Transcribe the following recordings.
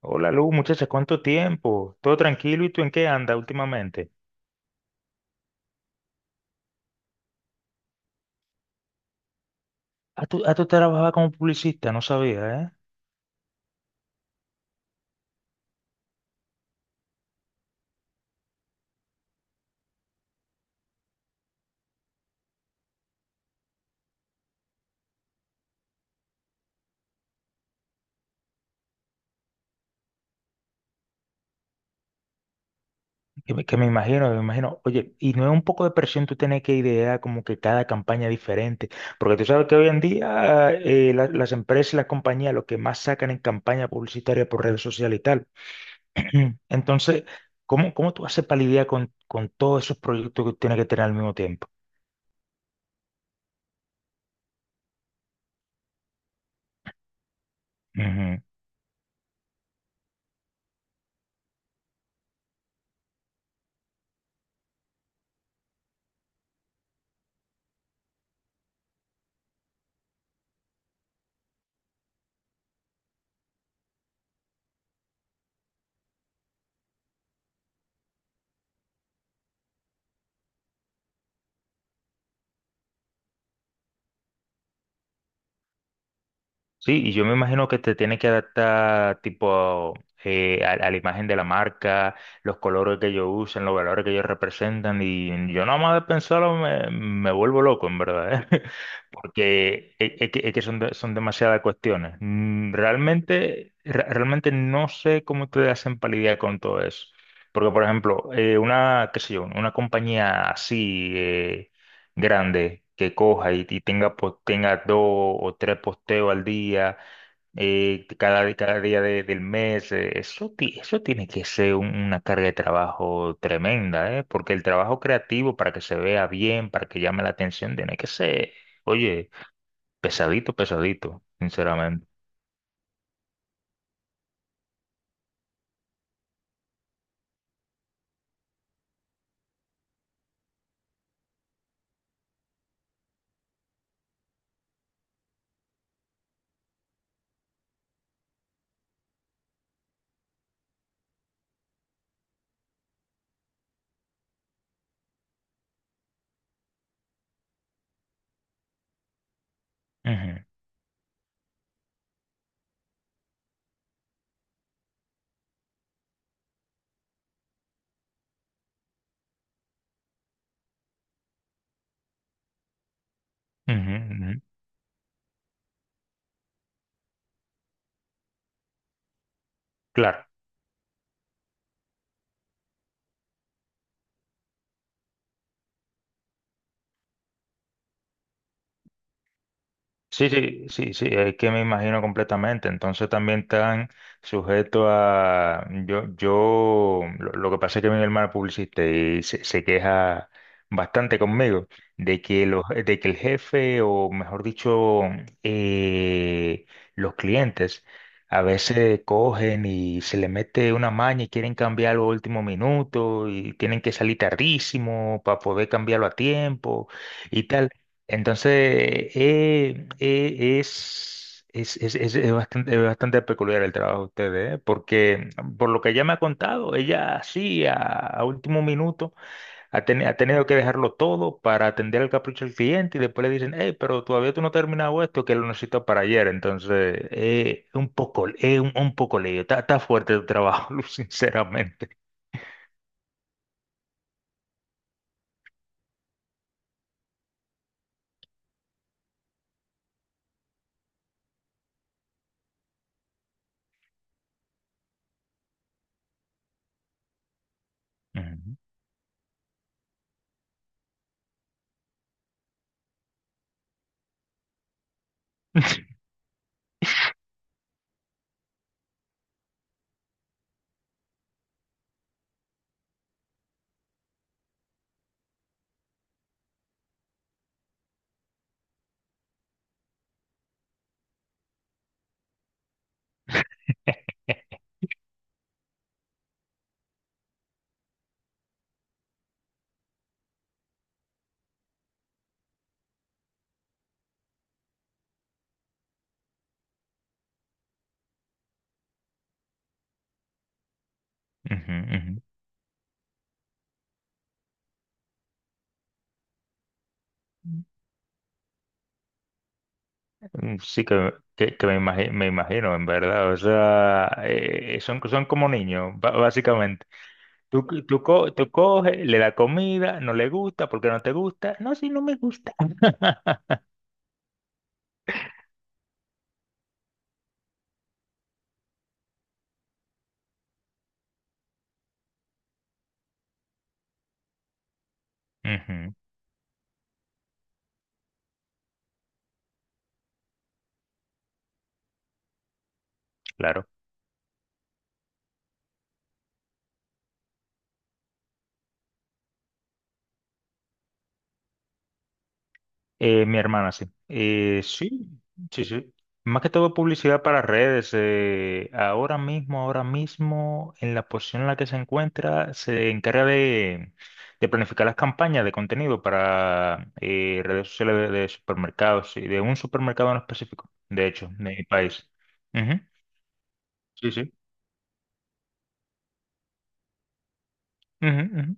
Hola Lu, muchacha, ¿cuánto tiempo? ¿Todo tranquilo? ¿Y tú en qué andas últimamente? Ah, tú trabajabas como publicista, no sabía, ¿eh? Que me imagino, me imagino. Oye, ¿y no es un poco de presión tú tener que idear como que cada campaña diferente? Porque tú sabes que hoy en día las empresas y las compañías lo que más sacan en campaña publicitaria por redes sociales y tal. Entonces, ¿cómo tú haces para lidiar con todos esos proyectos que tienes que tener al mismo tiempo? Sí, y yo me imagino que te tiene que adaptar tipo a la imagen de la marca, los colores que ellos usan, los valores que ellos representan, y yo nada más de pensarlo me vuelvo loco, en verdad, ¿eh? Porque es que son, son demasiadas cuestiones. Realmente, realmente no sé cómo te hacen para lidiar con todo eso. Porque, por ejemplo, qué sé yo, una compañía así, grande que coja y tenga, tenga dos o tres posteos al día, cada día del mes, eso, eso tiene que ser una carga de trabajo tremenda, ¿eh? Porque el trabajo creativo para que se vea bien, para que llame la atención, tiene que ser, oye, pesadito, pesadito, sinceramente. Ujú, ujú, ujú. Claro. Sí, sí, sí, sí, es que me imagino completamente. Entonces también están sujetos a... yo, lo que pasa es que mi hermano es publicista y se queja bastante conmigo de que, de que el jefe, o mejor dicho, eh, los clientes, a veces cogen y se le mete una maña y quieren cambiarlo a último minuto y tienen que salir tardísimo para poder cambiarlo a tiempo y tal. Entonces, es bastante peculiar el trabajo de ustedes, ¿eh? Porque por lo que ella me ha contado, ella sí, a último minuto, ha tenido que dejarlo todo para atender el capricho del cliente y después le dicen, hey, pero todavía tú no has terminado esto que lo necesito para ayer. Entonces, es un poco lío. Está, está fuerte el trabajo, sinceramente. Ujú, ujú, ujú. Sí, que me me imagino, en verdad. O sea, son, son como niños, básicamente. Tú, tú, tú coges, le das comida, no le gusta, porque no te gusta. No, si no me gusta. Ujú, claro. Mi hermana, sí. Sí, sí, sí. Más que todo publicidad para redes. Ahora mismo, en la posición en la que se encuentra, se encarga de planificar las campañas de contenido para redes sociales de supermercados y de un supermercado en específico, de hecho, de mi país. Ujú, sí, sí. Ujú, ujú.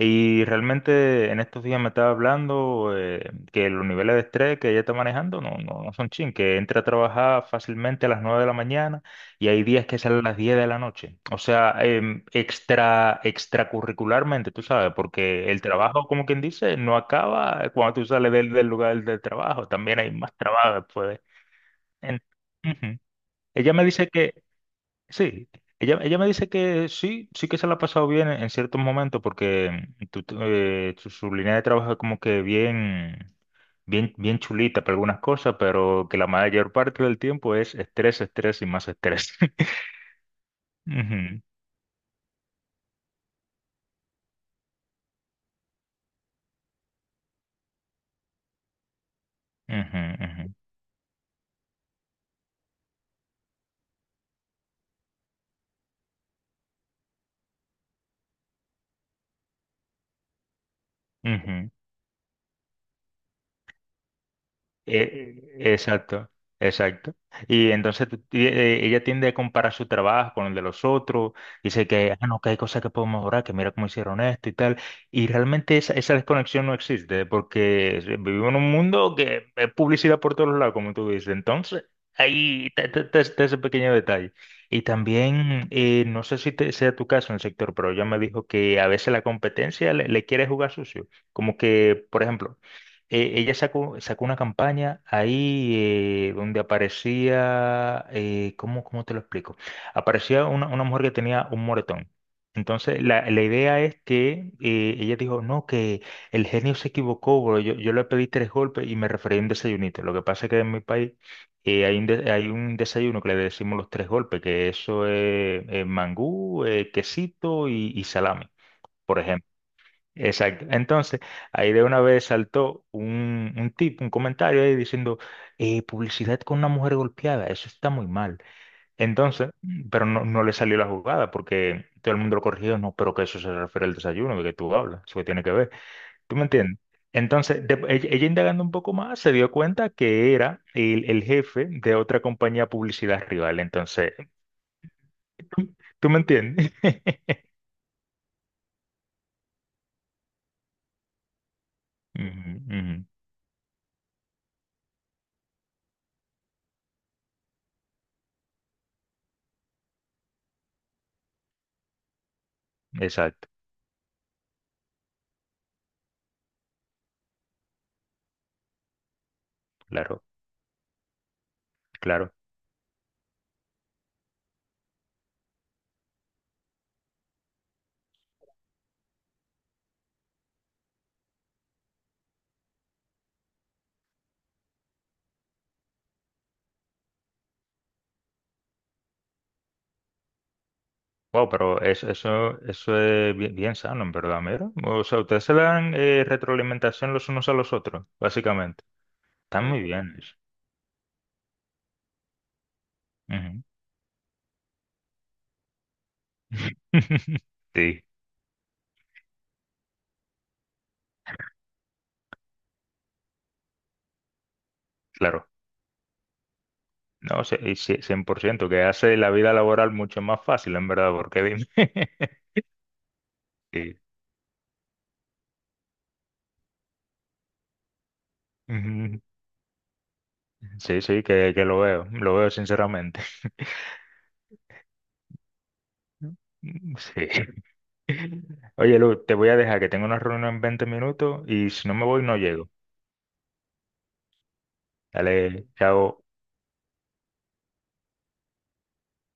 Y realmente en estos días me estaba hablando que los niveles de estrés que ella está manejando no, no, no son chin, que entra a trabajar fácilmente a las 9 de la mañana y hay días que sale a las 10 de la noche. O sea, extra, extracurricularmente, tú sabes, porque el trabajo, como quien dice, no acaba cuando tú sales del lugar del trabajo, también hay más trabajo después. en- Ujú. Ella me dice que... Sí, ella me dice que sí, sí que se la ha pasado bien en ciertos momentos porque su línea de trabajo es como que bien, bien, bien chulita para algunas cosas, pero que la mayor parte del tiempo es estrés, estrés y más estrés. Ujú, ujú, ujú, ujú. Exacto, exacto. Y entonces ella tiende a comparar su trabajo con el de los otros, dice que, ah, no, que hay cosas que podemos mejorar, que mira cómo hicieron esto y tal. Y realmente esa desconexión no existe, porque vivimos en un mundo que es publicidad por todos lados, como tú dices. Entonces, ahí está está ese pequeño detalle. Y también, no sé si sea tu caso en el sector, pero ella me dijo que a veces la competencia le quiere jugar sucio. Como que, por ejemplo, sacó una campaña ahí donde aparecía, cómo te lo explico? Aparecía una mujer que tenía un moretón. Entonces, la idea es que ella dijo, no, que el genio se equivocó, bro. Yo le pedí tres golpes y me referí a un desayunito. Lo que pasa es que en mi país hay un, hay un desayuno que le decimos los tres golpes, que eso es mangú, quesito y salami, por ejemplo. Exacto. Entonces, ahí de una vez saltó un tip, un comentario ahí diciendo, publicidad con una mujer golpeada, eso está muy mal. Entonces, pero no, no le salió la jugada porque todo el mundo lo corrigió, no, pero que eso se refiere al desayuno, de que tú hablas, eso que tiene que ver. ¿Tú me entiendes? Entonces, ella indagando un poco más, se dio cuenta que era el jefe de otra compañía de publicidad rival. Entonces, ¿tú, tú me entiendes? Ujú, ujú. Exacto, claro, claro. Wow, pero eso es bien, bien sano, en verdad, mira. O sea, ustedes se dan retroalimentación los unos a los otros, básicamente. Está muy bien eso. Ujú. Sí, claro. No, sí, y sí, 100% que hace la vida laboral mucho más fácil, en verdad, porque dime. Sí, ujú, sí, sí, que lo veo sinceramente. Sí. Oye, Lu, te voy a dejar que tengo una reunión en 20 minutos y si no me voy, no llego. Dale, chao.